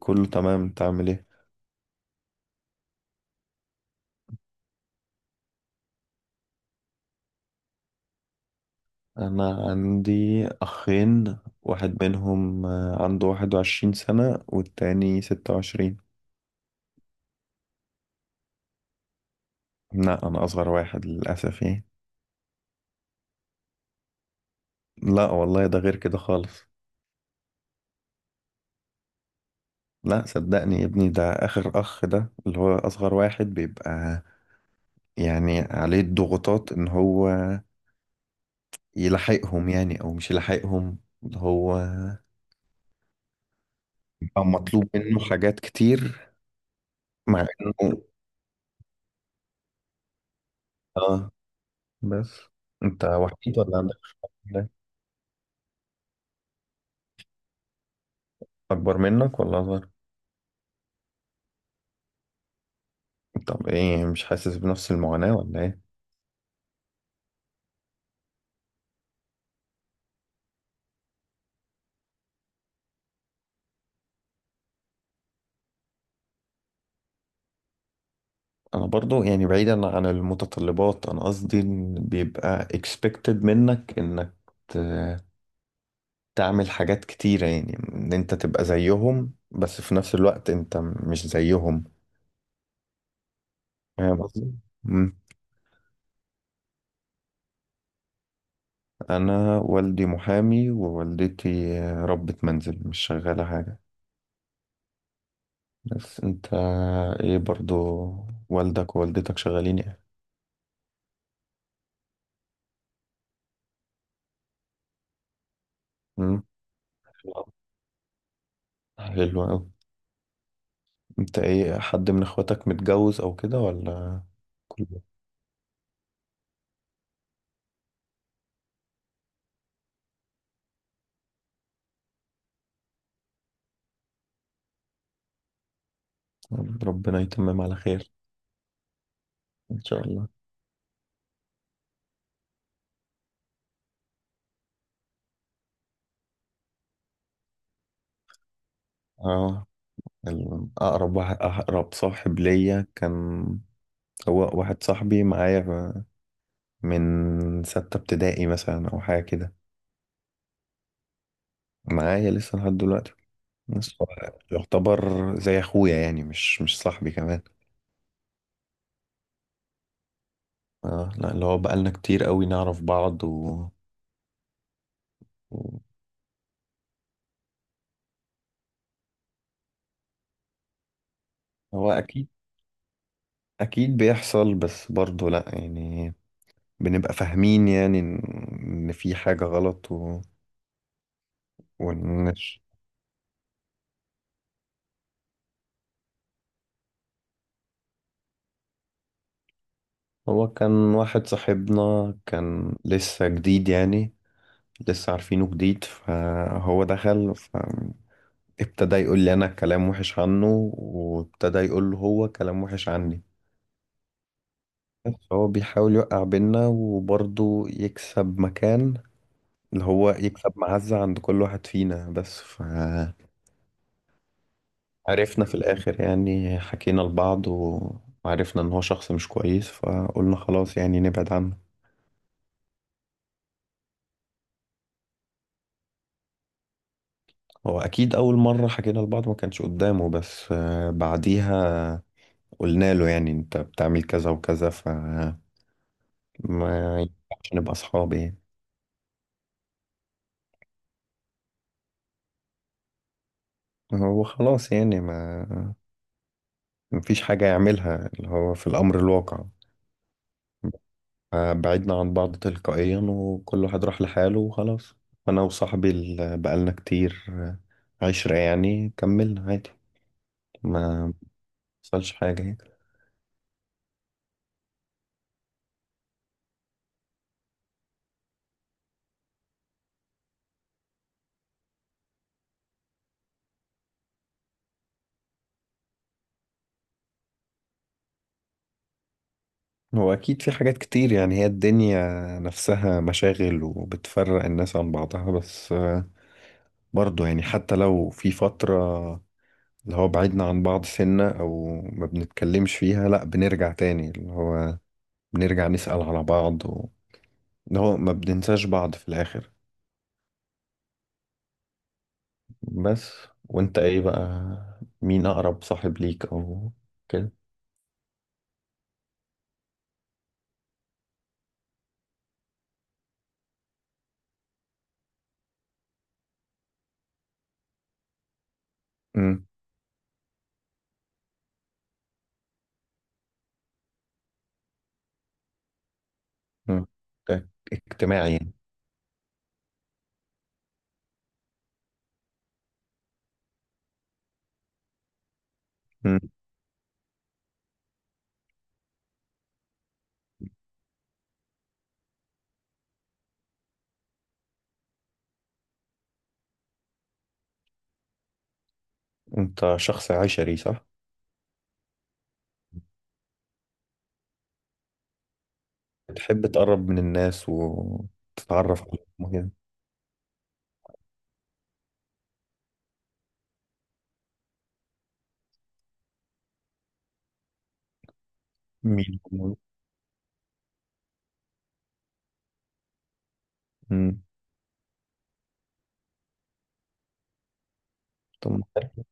كله تمام، انت عامل ايه؟ انا عندي اخين، واحد منهم عنده 21 سنة والتاني 26. لا انا اصغر واحد للاسف يعني. لا والله، ده غير كده خالص. لا صدقني يا ابني، ده اخر اخ، ده اللي هو اصغر واحد بيبقى. يعني عليه الضغوطات ان هو يلحقهم يعني او مش يلحقهم، اللي هو بيبقى مطلوب منه حاجات كتير. مع انه اه بس. انت وحيد ولا عندك؟ اكبر منك ولا اصغر؟ طب ايه، مش حاسس بنفس المعاناة ولا ايه؟ انا برضو يعني بعيدا عن المتطلبات، انا قصدي إن بيبقى expected منك انك ت- تعمل حاجات كتيرة، يعني ان انت تبقى زيهم بس في نفس الوقت انت مش زيهم. فاهم قصدي؟ مم. انا والدي محامي ووالدتي ربة منزل مش شغالة حاجة. بس انت ايه برضو، والدك ووالدتك شغالين ايه؟ مم. حلو أوي. انت ايه، حد من اخواتك متجوز او كده ولا؟ كله. ربنا يتمم على خير. ان شاء الله. اه اقرب صاحب ليا كان هو واحد صاحبي معايا من 6 ابتدائي مثلا او حاجة كده. معايا لسه لحد دلوقتي. بس هو يعتبر زي اخويا، يعني مش صاحبي كمان. اه لا، اللي هو بقالنا كتير قوي نعرف بعض و. هو اكيد، اكيد بيحصل بس برضه لا يعني بنبقى فاهمين يعني إن في حاجة غلط و. ونش هو كان واحد صاحبنا كان لسه جديد يعني، لسه عارفينه جديد فهو دخل فابتدى يقول لي أنا كلام وحش عنه وابتدى يقول له هو كلام وحش عني. بس هو بيحاول يوقع بينا وبرضه يكسب مكان، اللي هو يكسب معزة عند كل واحد فينا بس ف. عرفنا في الآخر يعني حكينا لبعض وعرفنا إن هو شخص مش كويس، فقلنا خلاص يعني نبعد عنه. هو أكيد أول مرة حكينا لبعض ما كانش قدامه، بس بعديها قلنا له يعني أنت بتعمل كذا وكذا فما ينفعش نبقى أصحاب يعني. هو خلاص يعني ما مفيش حاجة يعملها اللي هو في الأمر الواقع. بعدنا عن بعض تلقائيا وكل واحد راح لحاله وخلاص. أنا وصاحبي اللي بقالنا كتير عشرة يعني كملنا عادي. ما حصلش حاجة يعني. هو أكيد في حاجات كتير، يعني هي الدنيا نفسها مشاغل وبتفرق الناس عن بعضها، بس برضو يعني حتى لو في فترة اللي هو بعدنا عن بعض سنة أو ما بنتكلمش فيها، لأ بنرجع تاني، اللي هو بنرجع نسأل على بعض و. اللي هو ما بننساش بعض في الآخر. بس وأنت إيه بقى، مين أقرب صاحب ليك أو كده؟ مم. مم. اجتماعي يعني. مم. أنت شخص عشري صح؟ بتحب تقرب من الناس وتتعرف عليهم كده. مين هم؟ مم. طب حلو.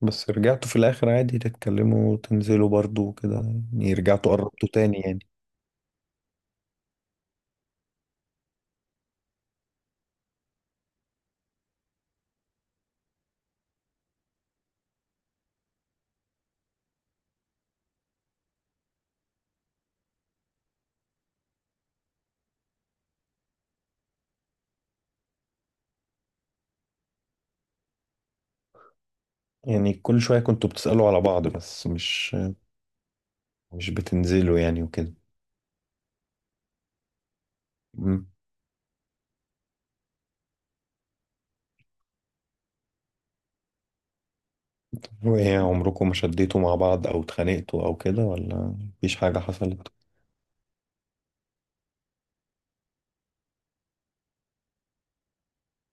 بس رجعتوا في الآخر عادي تتكلموا وتنزلوا برضو وكده، يعني رجعتوا قربتوا تاني يعني. يعني كل شوية كنتوا بتسألوا على بعض بس مش بتنزلوا يعني وكده. مم. وإيه عمركم ما شديتوا مع بعض أو اتخانقتوا أو كده ولا مفيش حاجة حصلت؟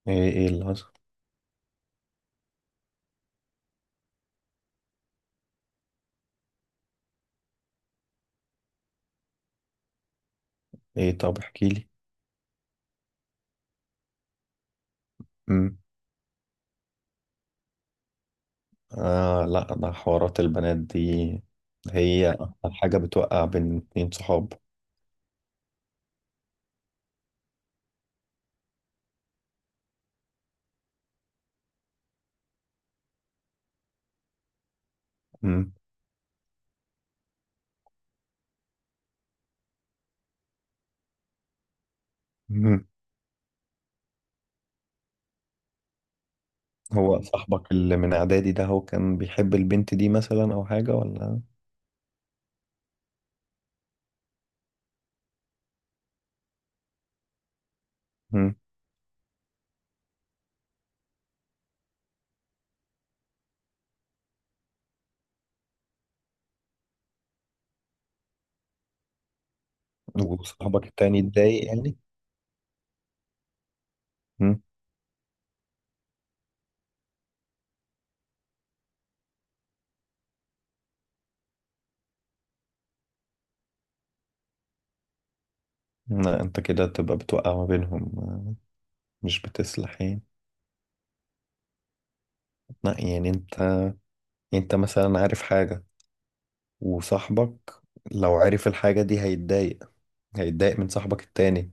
إيه اللي حصل؟ إيه طب احكيلي. آه لا، ده حوارات البنات دي هي أكتر حاجة بتوقع بين اتنين صحاب. مم. مم. هو صاحبك اللي من إعدادي ده هو كان بيحب البنت دي مثلا أو حاجة ولا؟ مم. وصاحبك التاني اتضايق يعني. مم. لا أنت كده تبقى بتوقع ما بينهم، مش بتصلح يعني. لا يعني أنت مثلا عارف حاجة. وصاحبك لو عرف الحاجة دي هيتضايق من صاحبك التاني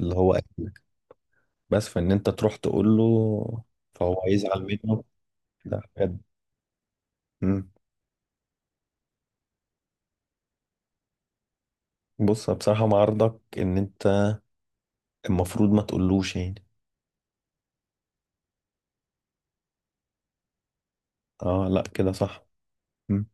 اللي هو بس فان انت تروح تقول له. فهو هيزعل منه، ده بجد. مم. بص بصراحة مع عرضك ان انت المفروض ما تقولوش يعني. اه لا كده صح. مم.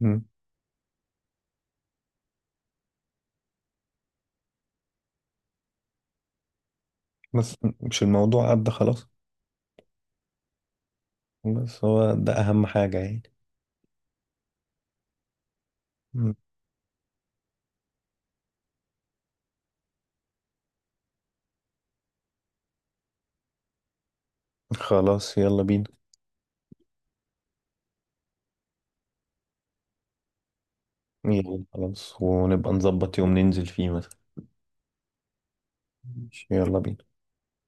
مم. بس مش الموضوع عدى خلاص. بس هو ده اهم حاجة يعني. مم. خلاص يلا بينا. يلا خلاص ونبقى نظبط يوم ننزل فيه مثلا. ماشي، يلا بينا.